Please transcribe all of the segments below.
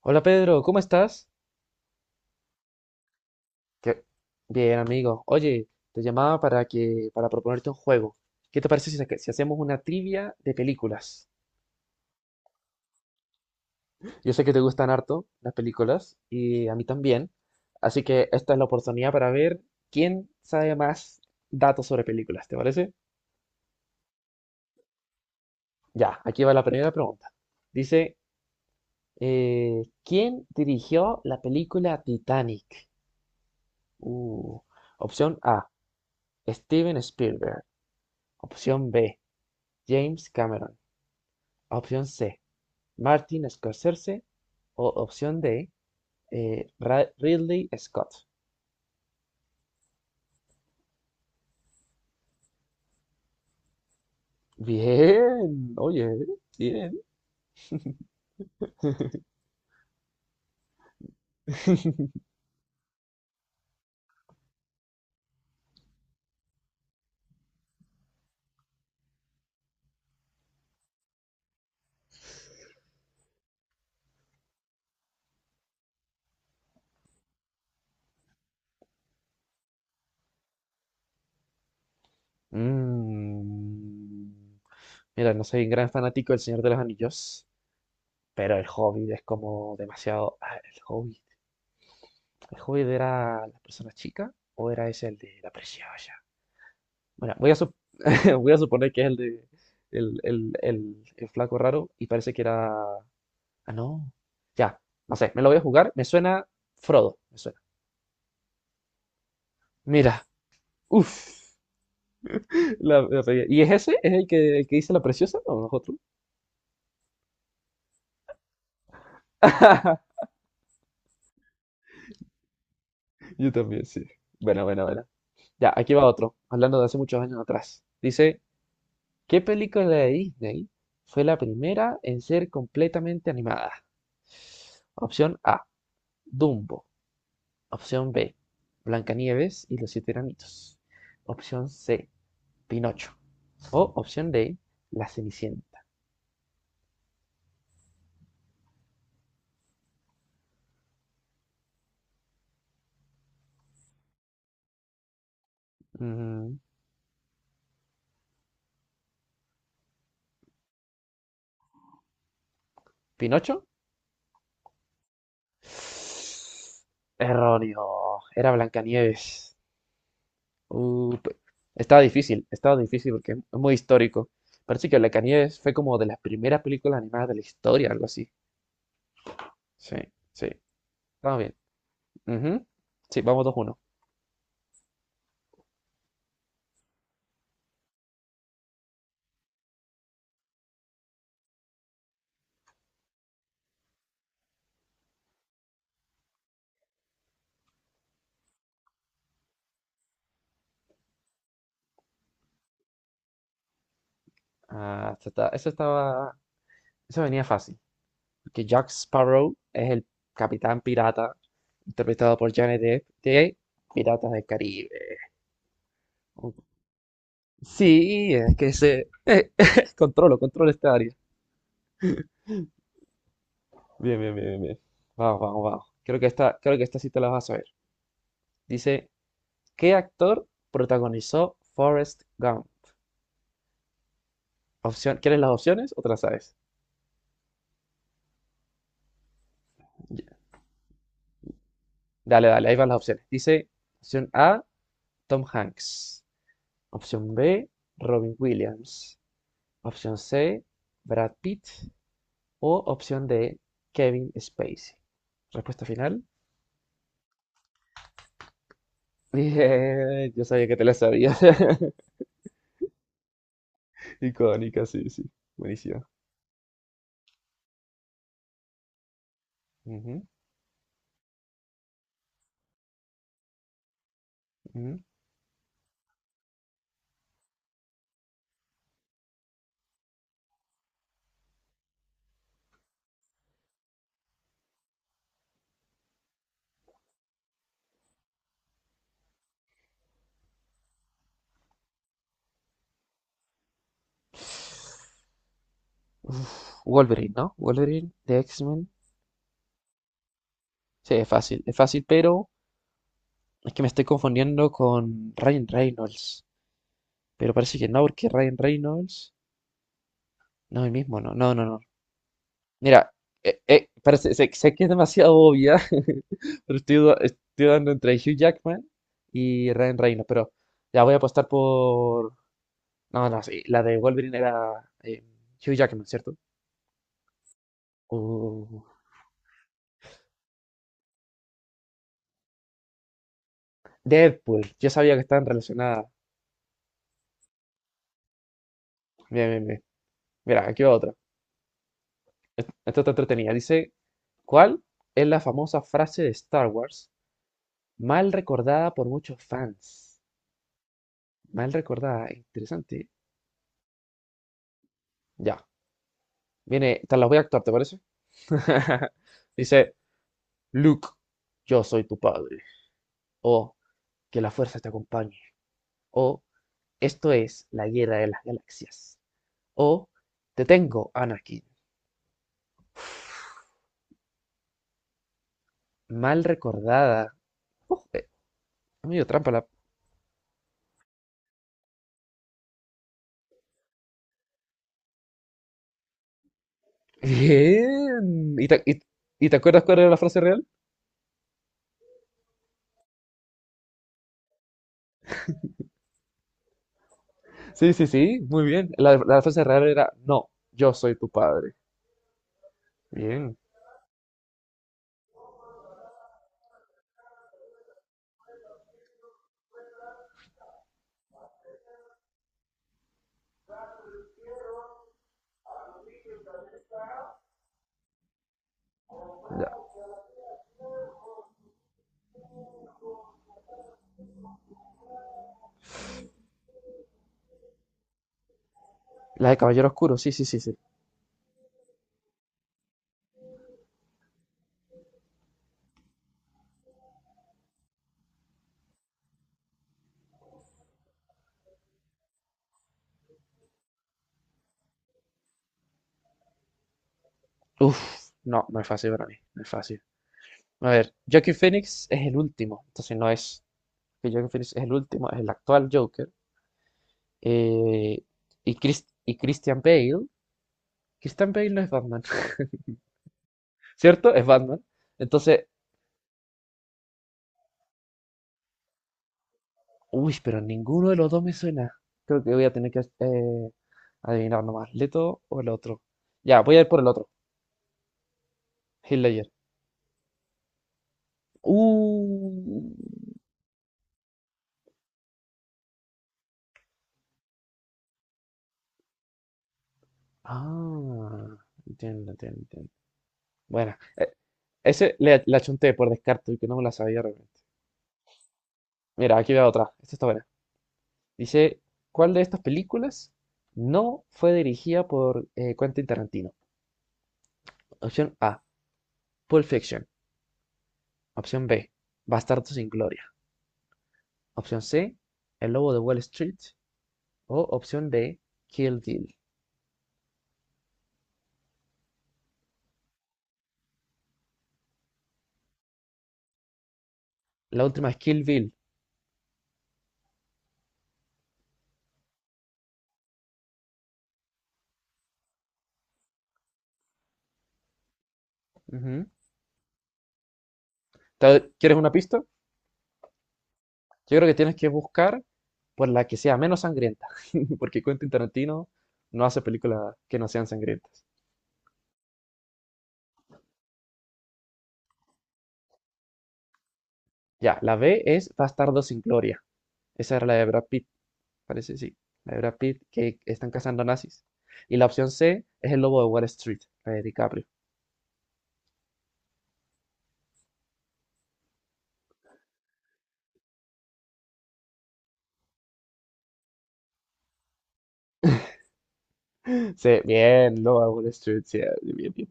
Hola Pedro, ¿cómo estás? ¿Qué? Bien, amigo. Oye, te llamaba para proponerte un juego. ¿Qué te parece si, si hacemos una trivia de películas? Yo sé que te gustan harto las películas y a mí también, así que esta es la oportunidad para ver quién sabe más datos sobre películas, ¿te parece? Ya, aquí va la primera pregunta. Dice, ¿quién dirigió la película Titanic? Uh, opción A, Steven Spielberg. Opción B, James Cameron. Opción C, Martin Scorsese. O opción D, eh, Ridley Scott. Bien, oye, bien. Mm, mira, no soy un gran fanático del Señor de los Anillos, pero el Hobbit es como demasiado... ah, el Hobbit. ¿El Hobbit era la persona chica o era ese el de la preciosa? Bueno, voy a suponer que es el de el flaco raro y parece que era... Ah, no. Ya, no sé, me lo voy a jugar. Me suena Frodo, me suena. Mira, uff. La pegué. ¿Y es ese? ¿Es el que dice la preciosa? ¿O nosotros? Yo también, sí. Bueno, bueno, bueno. Ya, aquí va otro, hablando de hace muchos años atrás. Dice, ¿qué película de Disney fue la primera en ser completamente animada? Opción A, Dumbo. Opción B, Blancanieves y los siete enanitos. Opción C, Pinocho. O opción D, La Cenicienta. Mm, ¿Pinocho? Erróneo. Era Blancanieves. Uh, pe- estaba difícil porque es muy histórico. Parece que Blancanieves fue como de las primeras películas animadas de la historia, algo así. Sí, sí. Estaba bien. Ujú. Sí, vamos dos uno. Ah, esta estaba. Eso venía fácil. Que Jack Sparrow es el capitán pirata, interpretado por Johnny Depp, de Piratas del Caribe. Ok. Sí, es que se... controlo, controlo esta área. Bien, bien, bien, bien, bien. Vamos, vamos, vamos. Creo que esta sí te la vas a saber. Dice, ¿qué actor protagonizó Forrest Gump? Opción, ¿quieres las opciones o te las sabes? Ya. Dale, dale, ahí van las opciones. Dice, opción A, Tom Hanks. Opción B, Robin Williams. Opción C, Brad Pitt. O opción D, Kevin Spacey. Respuesta final. Bien, yo sabía que te la sabías. Icónica, sí, sí. Buenísima. Ujú, ujú. Uf, Wolverine, ¿no? Wolverine de X-Men. Sí, es fácil, pero es que me estoy confundiendo con Ryan Reynolds. Pero parece que no, porque Ryan Reynolds no el mismo, no, no, no, no. Mira, parece, sé que es demasiado obvia, pero estoy dando entre Hugh Jackman y Ryan Reynolds, pero ya voy a apostar por... No, no, sí, la de Wolverine era Hugh Jackman, ¿cierto? Deadpool, yo sabía que estaban relacionadas. Bien, bien, bien. Mira, aquí va otra. Esta está entretenida. Dice, ¿cuál es la famosa frase de Star Wars mal recordada por muchos fans? Mal recordada, interesante. Ya, viene, te las voy a actuar, ¿te parece? Dice, Luke, yo soy tu padre. O, que la fuerza te acompañe. O, esto es la guerra de las galaxias. O, te tengo, Anakin. Mal recordada. Uf, eh, medio trampa la... Bien. ¿Y y te acuerdas cuál era la frase real? Sí, sí, sí, muy bien. La frase real era, no, yo soy tu padre. Bien. Ya. La de Caballero Oscuro, sí, sí, sí, sí. Uf, no, no es fácil para mí, no es fácil. A ver, Joaquin Phoenix es el último, entonces no es... que Joaquin Phoenix es el último, es el actual Joker. Eh, y, y Christian Bale, Christian Bale no es Batman, ¿cierto? Es Batman. Entonces, uy, pero ninguno de los dos me suena. Creo que voy a tener que adivinar nomás. ¿Leto o el otro? Ya, voy a ir por el otro. Hitler. Uh. Ah, entiendo, entiendo, entiendo. Bueno, ese le, la chunté por descarte, y que no me la sabía realmente. Mira, aquí veo otra. Esta está buena. Dice, ¿cuál de estas películas no fue dirigida por Quentin Tarantino? Opción A, Pulp Fiction. Opción B, Bastardos sin Gloria. Opción C, El Lobo de Wall Street. O opción D, Kill Bill. La última es Kill Bill. Ujú. Quieres una pista? Yo creo que tienes que buscar por la que sea menos sangrienta, porque Quentin Tarantino no hace películas que no sean sangrientas. Ya, la B es Bastardo sin Gloria. Esa era la de Brad Pitt, parece, sí. La de Brad Pitt que están cazando nazis. Y la opción C es El Lobo de Wall Street, la de DiCaprio. Sí, bien, Lobo de Wall Street, sí, bien, bien, bien.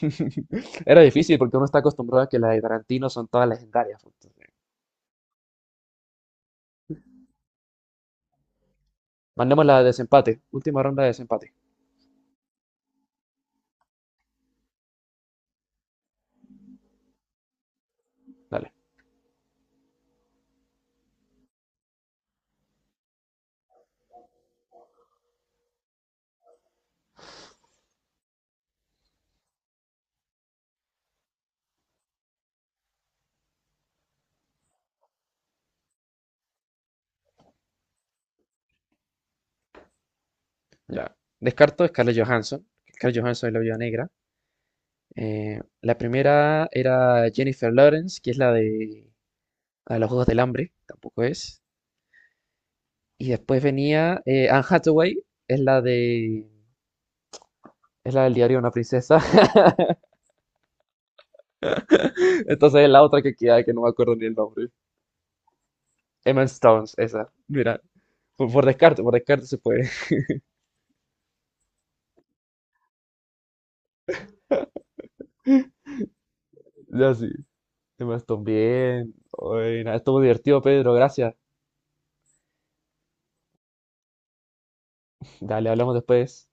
Bien. Era difícil porque uno está acostumbrado a que las de Tarantino son todas legendarias, pues. Mandemos la de desempate. Última ronda de desempate. Dale. Ya. Descarto Scarlett Johansson. Scarlett Johansson es la viuda negra. La primera era Jennifer Lawrence, que es la de los Juegos del Hambre. Tampoco es. Y después venía Anne Hathaway, es la de... Es la del diario de una princesa. Entonces es la otra que queda, que no me acuerdo ni el nombre. Emma Stone esa. Mira, por descarte se puede. Ya sí. Emma Stone, bien. Buena. Estuvo divertido, Pedro, gracias. Dale, hablamos después.